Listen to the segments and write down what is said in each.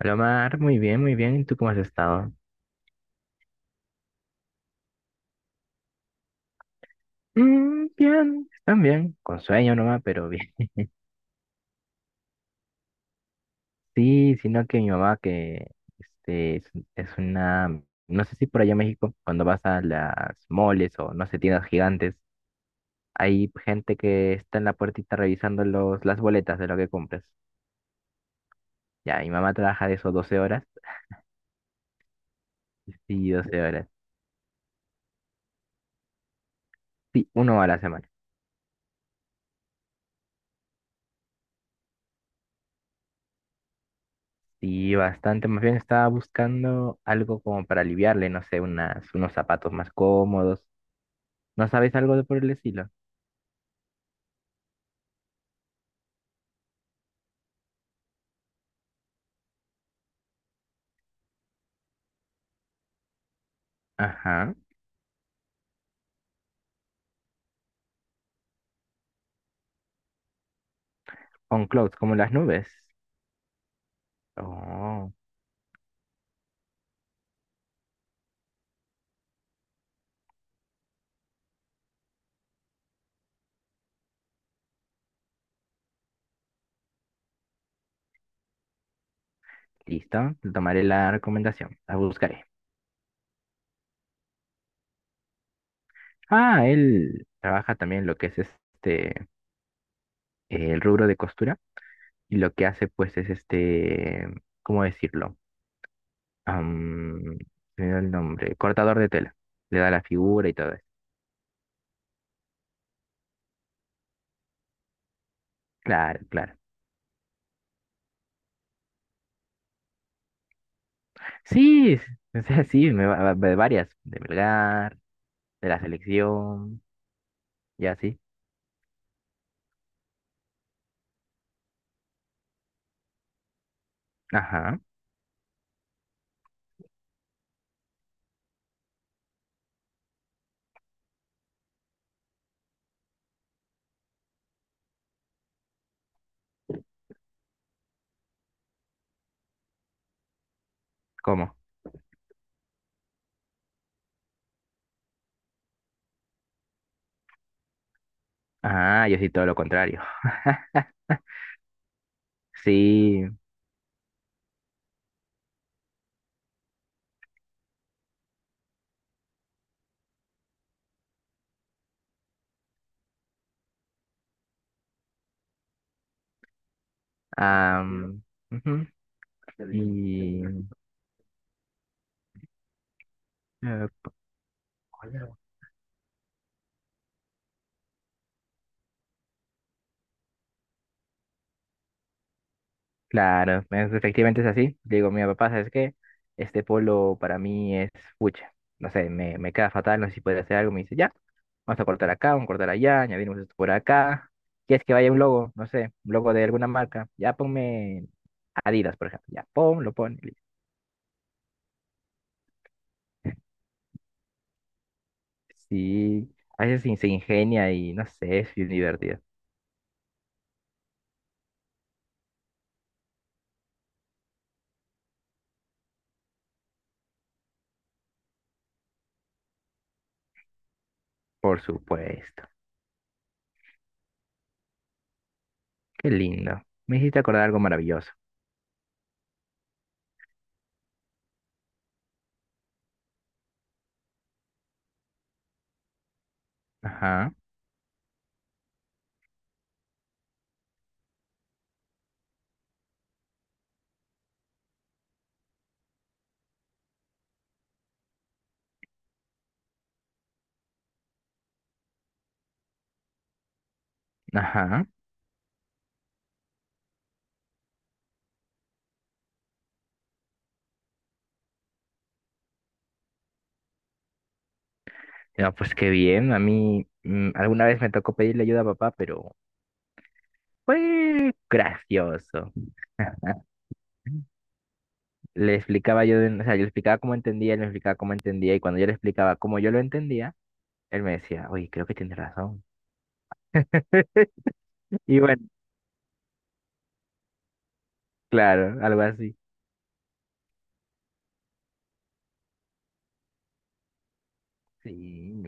Hola Omar, muy bien, muy bien. ¿Y tú cómo has estado? Bien, también, con sueño nomás, pero bien. Sí, sino que mi mamá que es una, no sé si por allá en México, cuando vas a las moles o no sé, tiendas gigantes, hay gente que está en la puertita revisando las boletas de lo que compras. Ya, mi mamá trabaja de eso 12 horas. Sí, 12 horas, sí, uno a la semana. Y bastante, más bien estaba buscando algo como para aliviarle, no sé, unos zapatos más cómodos. ¿No sabéis algo de por el estilo? Ajá. On clouds, como las nubes. Oh, listo. Tomaré la recomendación. La buscaré. Ah, él trabaja también lo que es este, el rubro de costura. Y lo que hace, pues, es este, ¿cómo decirlo? Am, se me olvidó el nombre. Cortador de tela. Le da la figura y todo eso. Claro, claro. Sí, o sea, sí, de varias. De Melgar, de la selección, y así. Ajá. ¿Cómo? Ah, yo sí todo lo contrario. Sí. Mira, ujú. Y claro, efectivamente es así. Le digo, mira, papá, ¿sabes qué? Este polo para mí es pucha. No sé, me queda fatal, no sé si puede hacer algo. Me dice, ya, vamos a cortar acá, vamos a cortar allá, añadimos esto por acá. ¿Quieres que vaya un logo? No sé, un logo de alguna marca. Ya ponme Adidas, por ejemplo. Ya, pon, lo pone. Sí, a veces se ingenia y no sé, es bien divertido. Por supuesto. Qué lindo. Me hiciste acordar algo maravilloso. Ajá, ajá. No, pues qué bien. A mí alguna vez me tocó pedirle ayuda a papá, pero fue gracioso. Le explicaba yo, o sea, yo le explicaba cómo entendía, él me explicaba cómo entendía, y cuando yo le explicaba cómo yo lo entendía, él me decía, oye, creo que tienes razón. Y bueno, claro, algo así. Sí.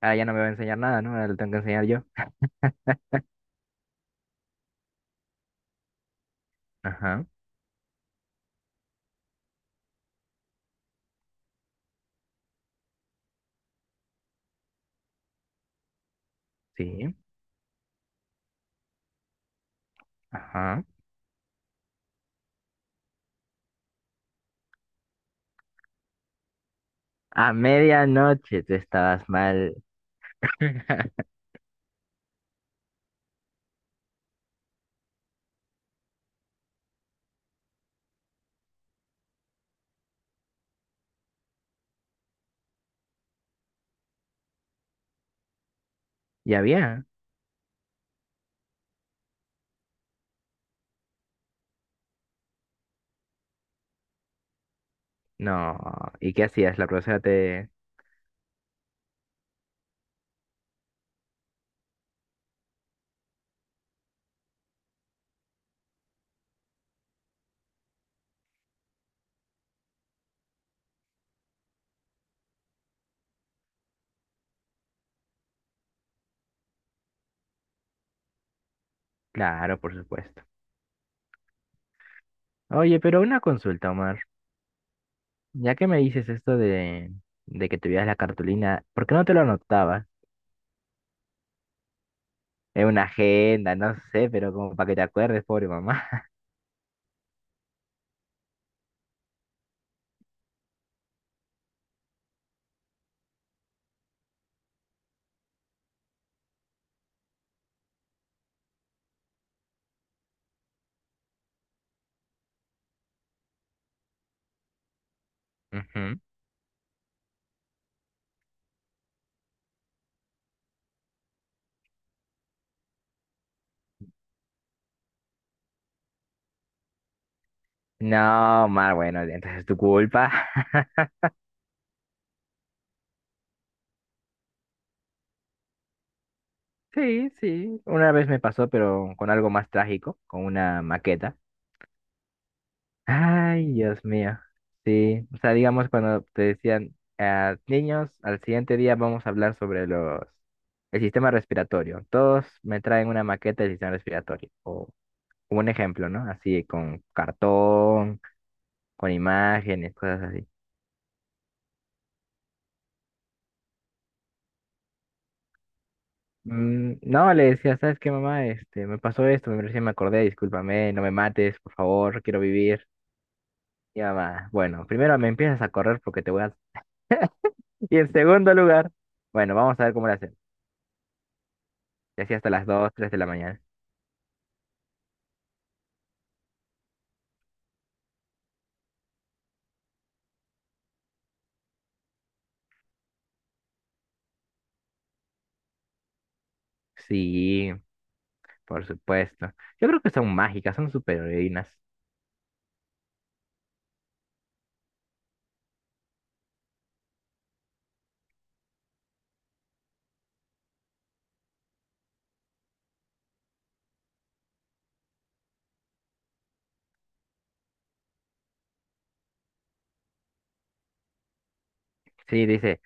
Ahora ya no me va a enseñar nada, ¿no? Ahora lo tengo que enseñar yo. Ajá, sí, ajá. A medianoche tú estabas mal. ¿Ya había? No. ¿Y qué hacías? La profesora te... Claro, por supuesto. Oye, pero una consulta, Omar. Ya que me dices esto de que tuvieras la cartulina, ¿por qué no te lo anotabas? En una agenda, no sé, pero como para que te acuerdes, pobre mamá. Ujú. No, Omar, bueno, entonces es tu culpa. Sí, sí. Una vez me pasó, pero con algo más trágico, con una maqueta. Ay, Dios mío. Sí, o sea, digamos cuando te decían, "Ah, niños, al siguiente día vamos a hablar sobre los el sistema respiratorio. Todos me traen una maqueta del sistema respiratorio o un ejemplo, ¿no? Así con cartón, con imágenes, cosas así." No, le decía, ¿sabes qué, mamá? Este, me pasó esto, me recién me acordé, discúlpame, no me mates, por favor, quiero vivir. Y mamá, bueno, primero me empiezas a correr porque te voy a... Y en segundo lugar, bueno, vamos a ver cómo lo hacemos. Y así hasta las 2 3 de la mañana. Sí, por supuesto. Yo creo que son mágicas, son superheroínas. Sí, dice,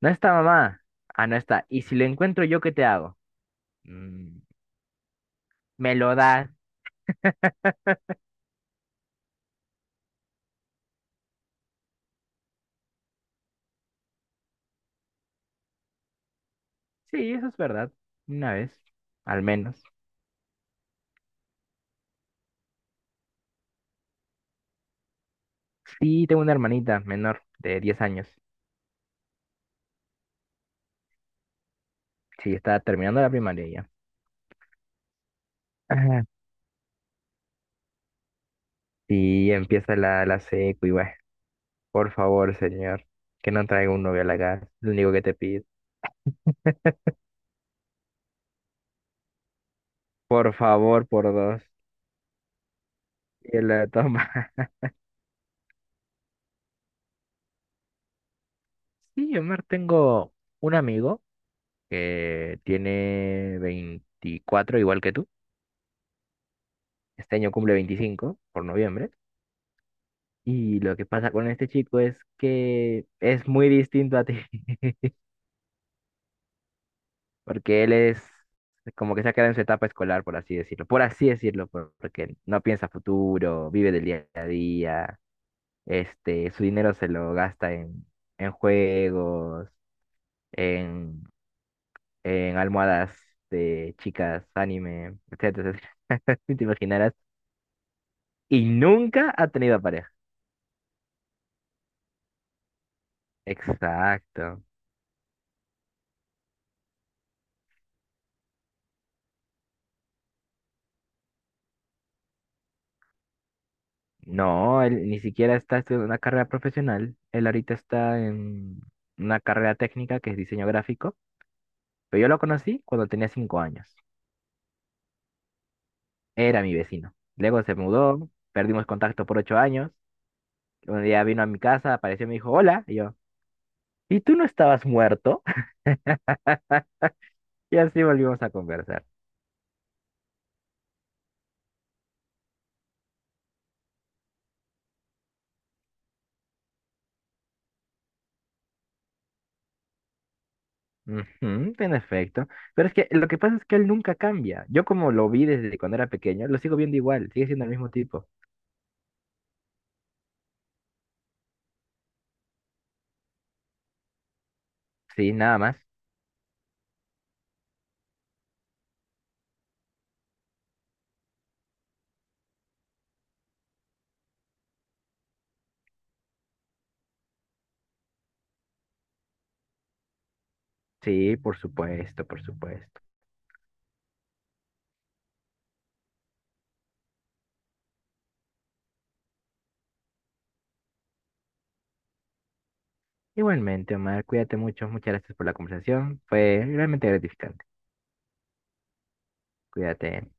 no está mamá. Ah, no está. ¿Y si lo encuentro yo, qué te hago? "Mm, Me lo das. Sí, eso es verdad. Una vez, al menos. Sí, tengo una hermanita menor de 10 años. Sí, está terminando la primaria ya. Ajá. Sí, empieza la secu y bueno, por favor, señor, que no traiga un novio a la casa. Es lo único que te pido. Por favor, por dos. Y él la toma. Sí, Omar, tengo un amigo que tiene 24 igual que tú. Este año cumple 25 por noviembre. Y lo que pasa con este chico es que es muy distinto a ti, porque él es como que se ha quedado en su etapa escolar, por así decirlo. Por así decirlo, porque no piensa futuro, vive del día a día. Este, su dinero se lo gasta en, juegos, en, almohadas de chicas, anime, etcétera. Si te imaginarás. Y nunca ha tenido pareja. Exacto. No, él ni siquiera está estudiando una carrera profesional. Él ahorita está en una carrera técnica que es diseño gráfico. Pero yo lo conocí cuando tenía 5 años. Era mi vecino. Luego se mudó, perdimos contacto por 8 años. Un día vino a mi casa, apareció y me dijo, hola. Y yo, ¿y tú no estabas muerto? Y así volvimos a conversar. Ujú, en efecto. Pero es que lo que pasa es que él nunca cambia. Yo como lo vi desde cuando era pequeño, lo sigo viendo igual, sigue siendo el mismo tipo. Sí, nada más. Sí, por supuesto, por supuesto. Igualmente, Omar, cuídate mucho. Muchas gracias por la conversación. Fue realmente gratificante. Cuídate.